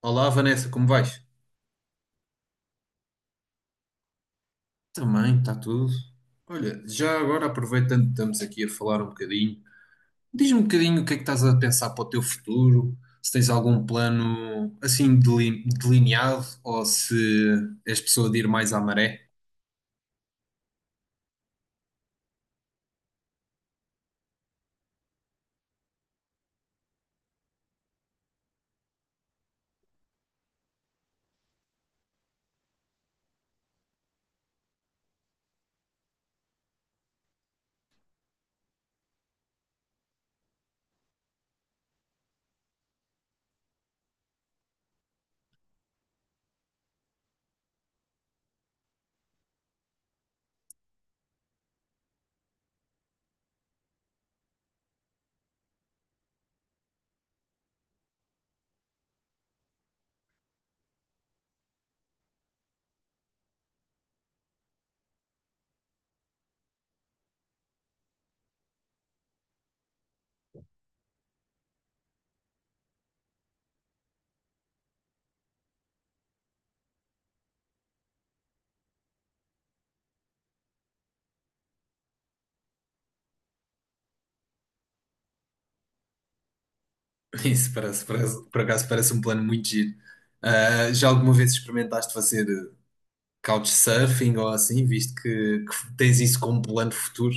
Olá, Vanessa, como vais? Também, está tudo. Olha, já agora aproveitando que estamos aqui a falar um bocadinho, diz-me um bocadinho o que é que estás a pensar para o teu futuro, se tens algum plano assim delineado ou se és pessoa de ir mais à maré. Isso por acaso parece um plano muito giro. Ah, já alguma vez experimentaste fazer couchsurfing ou assim, visto que tens isso como plano futuro?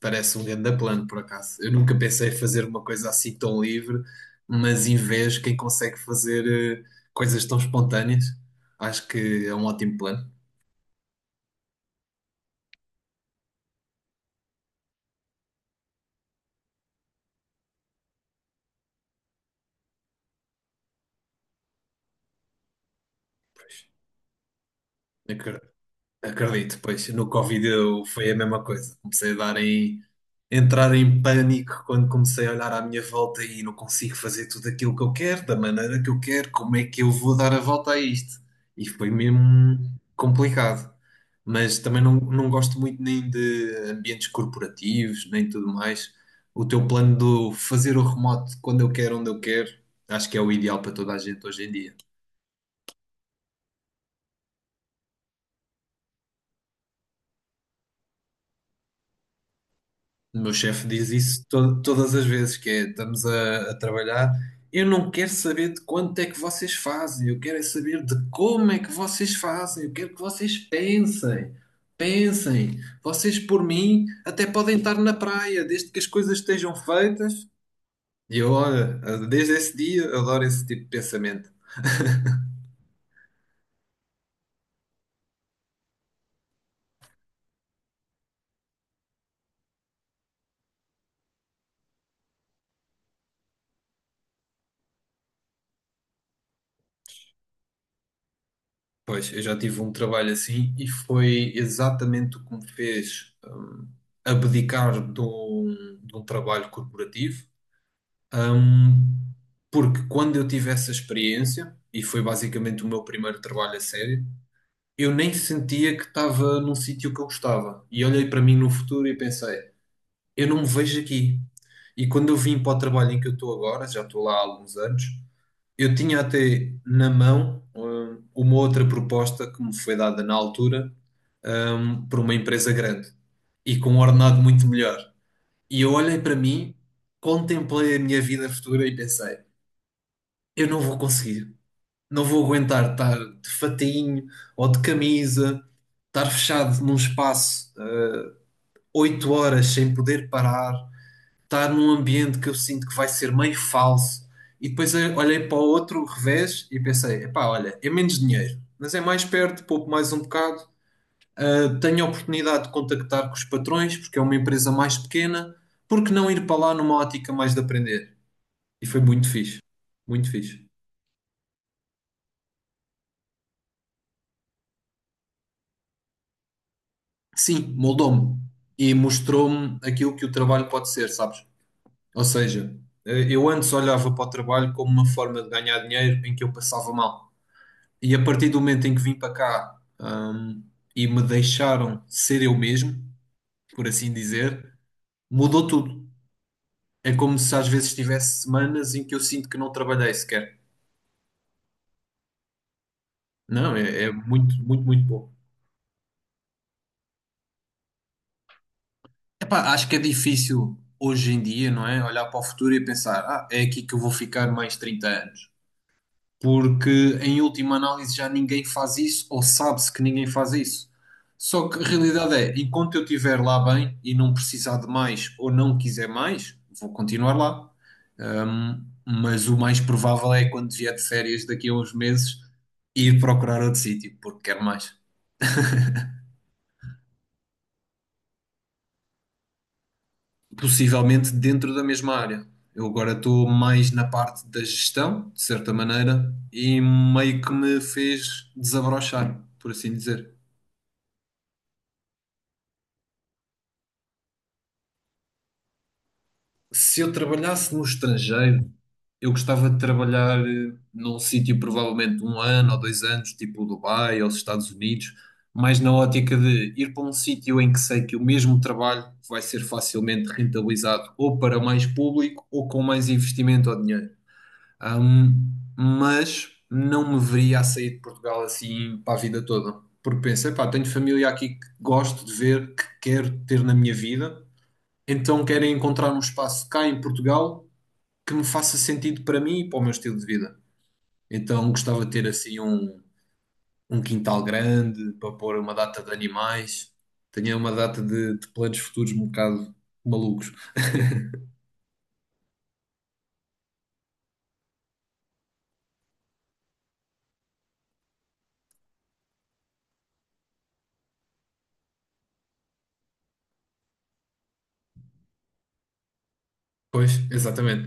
Parece um grande plano, por acaso. Eu nunca pensei em fazer uma coisa assim tão livre, mas em vez, quem consegue fazer coisas tão espontâneas, acho que é um ótimo plano. Pois, acre- acredito, pois no Covid eu, foi a mesma coisa. Comecei a dar em entrar em pânico quando comecei a olhar à minha volta e não consigo fazer tudo aquilo que eu quero, da maneira que eu quero, como é que eu vou dar a volta a isto? E foi mesmo complicado. Mas também não gosto muito nem de ambientes corporativos, nem tudo mais. O teu plano de fazer o remoto quando eu quero, onde eu quero, acho que é o ideal para toda a gente hoje em dia. O meu chefe diz isso todas as vezes, que é, estamos a trabalhar. Eu não quero saber de quanto é que vocês fazem, eu quero é saber de como é que vocês fazem, eu quero que vocês pensem. Vocês, por mim, até podem estar na praia, desde que as coisas estejam feitas. E eu, olha, desde esse dia, adoro esse tipo de pensamento. Pois, eu já tive um trabalho assim e foi exatamente o que me fez abdicar de um trabalho corporativo. Ahm, Porque quando eu tive essa experiência, e foi basicamente o meu primeiro trabalho a sério, eu nem sentia que estava num sítio que eu gostava. E olhei para mim no futuro e pensei, eu não me vejo aqui. E quando eu vim para o trabalho em que eu estou agora, já estou lá há alguns anos, eu tinha até na mão, uma outra proposta que me foi dada na altura, por uma empresa grande e com um ordenado muito melhor. E eu olhei para mim, contemplei a minha vida futura e pensei eu não vou conseguir. Não vou aguentar estar de fatainho ou de camisa, estar fechado num espaço 8 horas sem poder parar, estar num ambiente que eu sinto que vai ser meio falso. E depois eu olhei para o outro revés e pensei: epá, olha, é menos dinheiro, mas é mais perto, pouco mais um bocado. Tenho a oportunidade de contactar com os patrões, porque é uma empresa mais pequena, porque não ir para lá numa ótica mais de aprender? E foi muito fixe, muito fixe. Sim, moldou-me e mostrou-me aquilo que o trabalho pode ser, sabes? Ou seja, eu antes olhava para o trabalho como uma forma de ganhar dinheiro em que eu passava mal. E a partir do momento em que vim para cá, e me deixaram ser eu mesmo, por assim dizer, mudou tudo. É como se às vezes tivesse semanas em que eu sinto que não trabalhei sequer. Não, é muito, muito, muito bom. Epá, acho que é difícil hoje em dia, não é? Olhar para o futuro e pensar, ah, é aqui que eu vou ficar mais 30 anos. Porque em última análise já ninguém faz isso, ou sabe-se que ninguém faz isso. Só que a realidade é, enquanto eu estiver lá bem e não precisar de mais ou não quiser mais, vou continuar lá. Mas o mais provável é quando vier de férias daqui a uns meses ir procurar outro sítio, porque quero mais. Possivelmente dentro da mesma área. Eu agora estou mais na parte da gestão, de certa maneira, e meio que me fez desabrochar, por assim dizer. Se eu trabalhasse no estrangeiro, eu gostava de trabalhar num sítio provavelmente 1 ano ou 2 anos, tipo Dubai ou os Estados Unidos, mas na ótica de ir para um sítio em que sei que o mesmo trabalho vai ser facilmente rentabilizado ou para mais público ou com mais investimento ou dinheiro. Ahm, mas não me veria a sair de Portugal assim para a vida toda, porque pensei, pá, tenho família aqui que gosto de ver, que quero ter na minha vida, então querem encontrar um espaço cá em Portugal que me faça sentido para mim e para o meu estilo de vida. Então gostava de ter assim um quintal grande para pôr uma data de animais. Tinha uma data de planos futuros um bocado malucos. Pois, exatamente.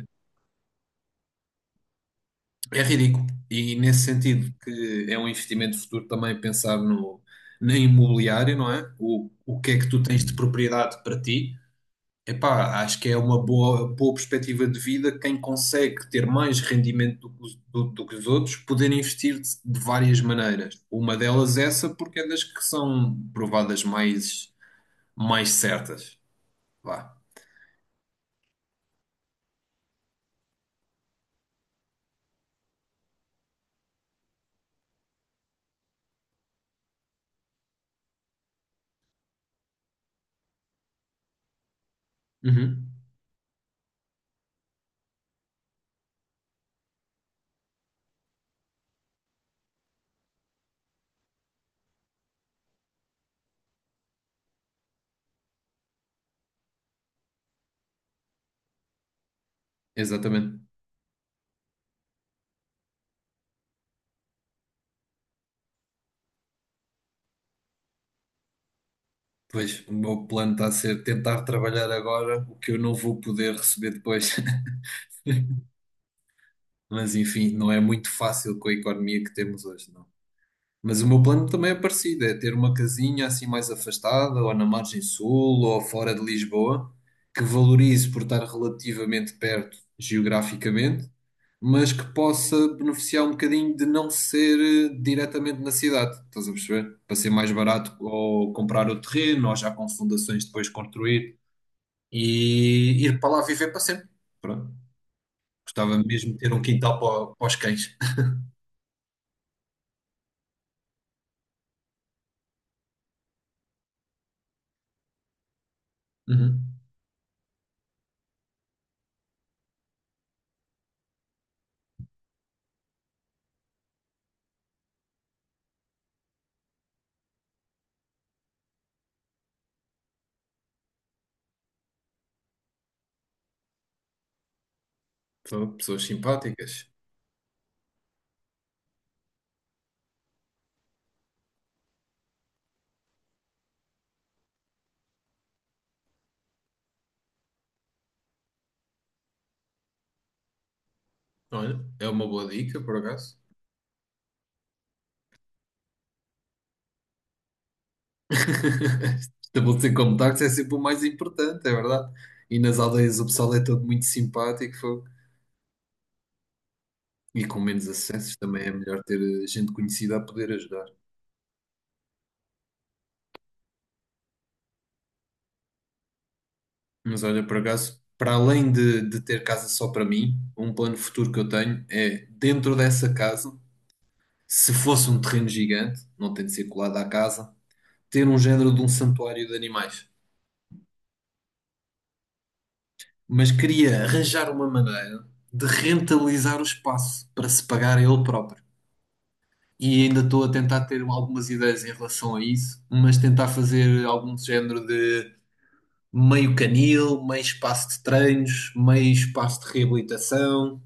É ridículo. E nesse sentido que é um investimento futuro também pensar na imobiliária, não é? O que é que tu tens de propriedade para ti. Epá, acho que é uma boa perspectiva de vida quem consegue ter mais rendimento do que os outros, poder investir de várias maneiras. Uma delas é essa, porque é das que são provadas mais, mais certas. Vá. Uhum. Exatamente. Pois, o meu plano está a ser tentar trabalhar agora o que eu não vou poder receber depois. Mas enfim, não é muito fácil com a economia que temos hoje, não é? Mas o meu plano também é parecido, é ter uma casinha assim mais afastada, ou na margem sul, ou fora de Lisboa, que valorize por estar relativamente perto geograficamente, mas que possa beneficiar um bocadinho de não ser diretamente na cidade, estás a perceber? Para ser mais barato ou comprar o terreno, ou já com fundações depois construir, e ir para lá viver para sempre. Pronto. Gostava mesmo de ter um quintal para os cães. Uhum. Pessoas simpáticas. Olha, é uma boa dica, por acaso. Estabelecer contactos é sempre o mais importante, é verdade. E nas aldeias o pessoal é todo muito simpático, fogo. E com menos acessos também é melhor ter gente conhecida a poder ajudar. Mas olha, por acaso, para além de ter casa só para mim, um plano futuro que eu tenho é, dentro dessa casa, se fosse um terreno gigante, não tem de ser colado à casa, ter um género de um santuário de animais. Mas queria arranjar uma maneira de rentabilizar o espaço para se pagar a ele próprio. E ainda estou a tentar ter algumas ideias em relação a isso, mas tentar fazer algum género de meio canil, meio espaço de treinos, meio espaço de reabilitação.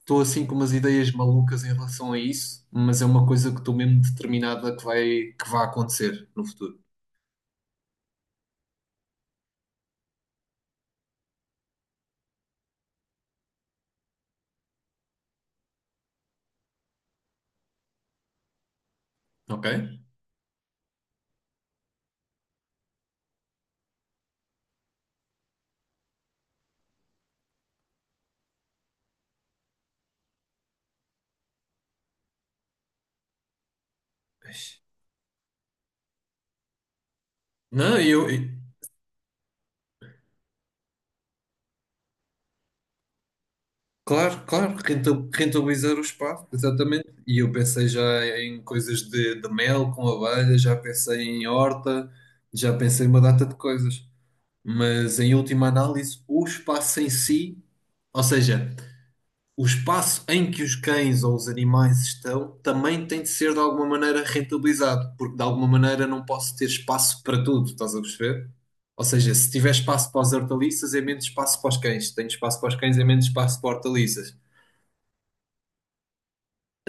Estou assim com umas ideias malucas em relação a isso, mas é uma coisa que estou mesmo determinada que vai acontecer no futuro. Ok? Não, eu, claro, claro, rentabilizar o espaço, exatamente. E eu pensei já em coisas de mel com abelha, já pensei em horta, já pensei em uma data de coisas. Mas em última análise, o espaço em si, ou seja, o espaço em que os cães ou os animais estão, também tem de ser de alguma maneira rentabilizado, porque de alguma maneira não posso ter espaço para tudo, estás a perceber? Ou seja, se tiver espaço para as hortaliças, é menos espaço para os cães. Se tenho espaço para os cães, é menos espaço para hortaliças.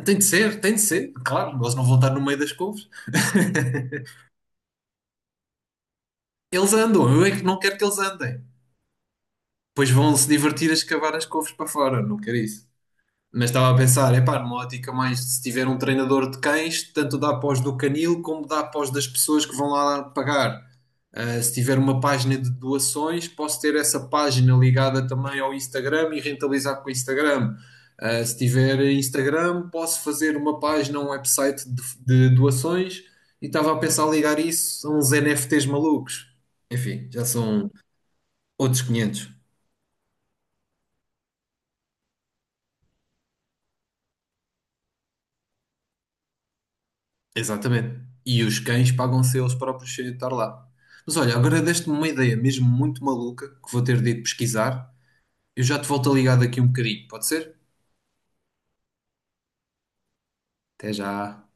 Tem de ser, claro, eles não vão estar no meio das couves. Eles andam, eu é que não quero que eles andem. Pois vão se divertir a escavar as couves para fora, não quero isso. Mas estava a pensar, epá, numa ótica mais, se tiver um treinador de cães, tanto dá pós do canil como dá pós das pessoas que vão lá pagar. Ah, se tiver uma página de doações, posso ter essa página ligada também ao Instagram e rentabilizar com o Instagram. Ah, se tiver Instagram, posso fazer uma página, um website de doações e estava a pensar ligar isso a uns NFTs malucos. Enfim, já são outros 500. Exatamente. E os cães pagam-se eles próprios sem eu estar lá. Mas olha, agora deste-me uma ideia mesmo muito maluca que vou ter de ir pesquisar. Eu já te volto a ligar daqui um bocadinho, pode ser? Até já.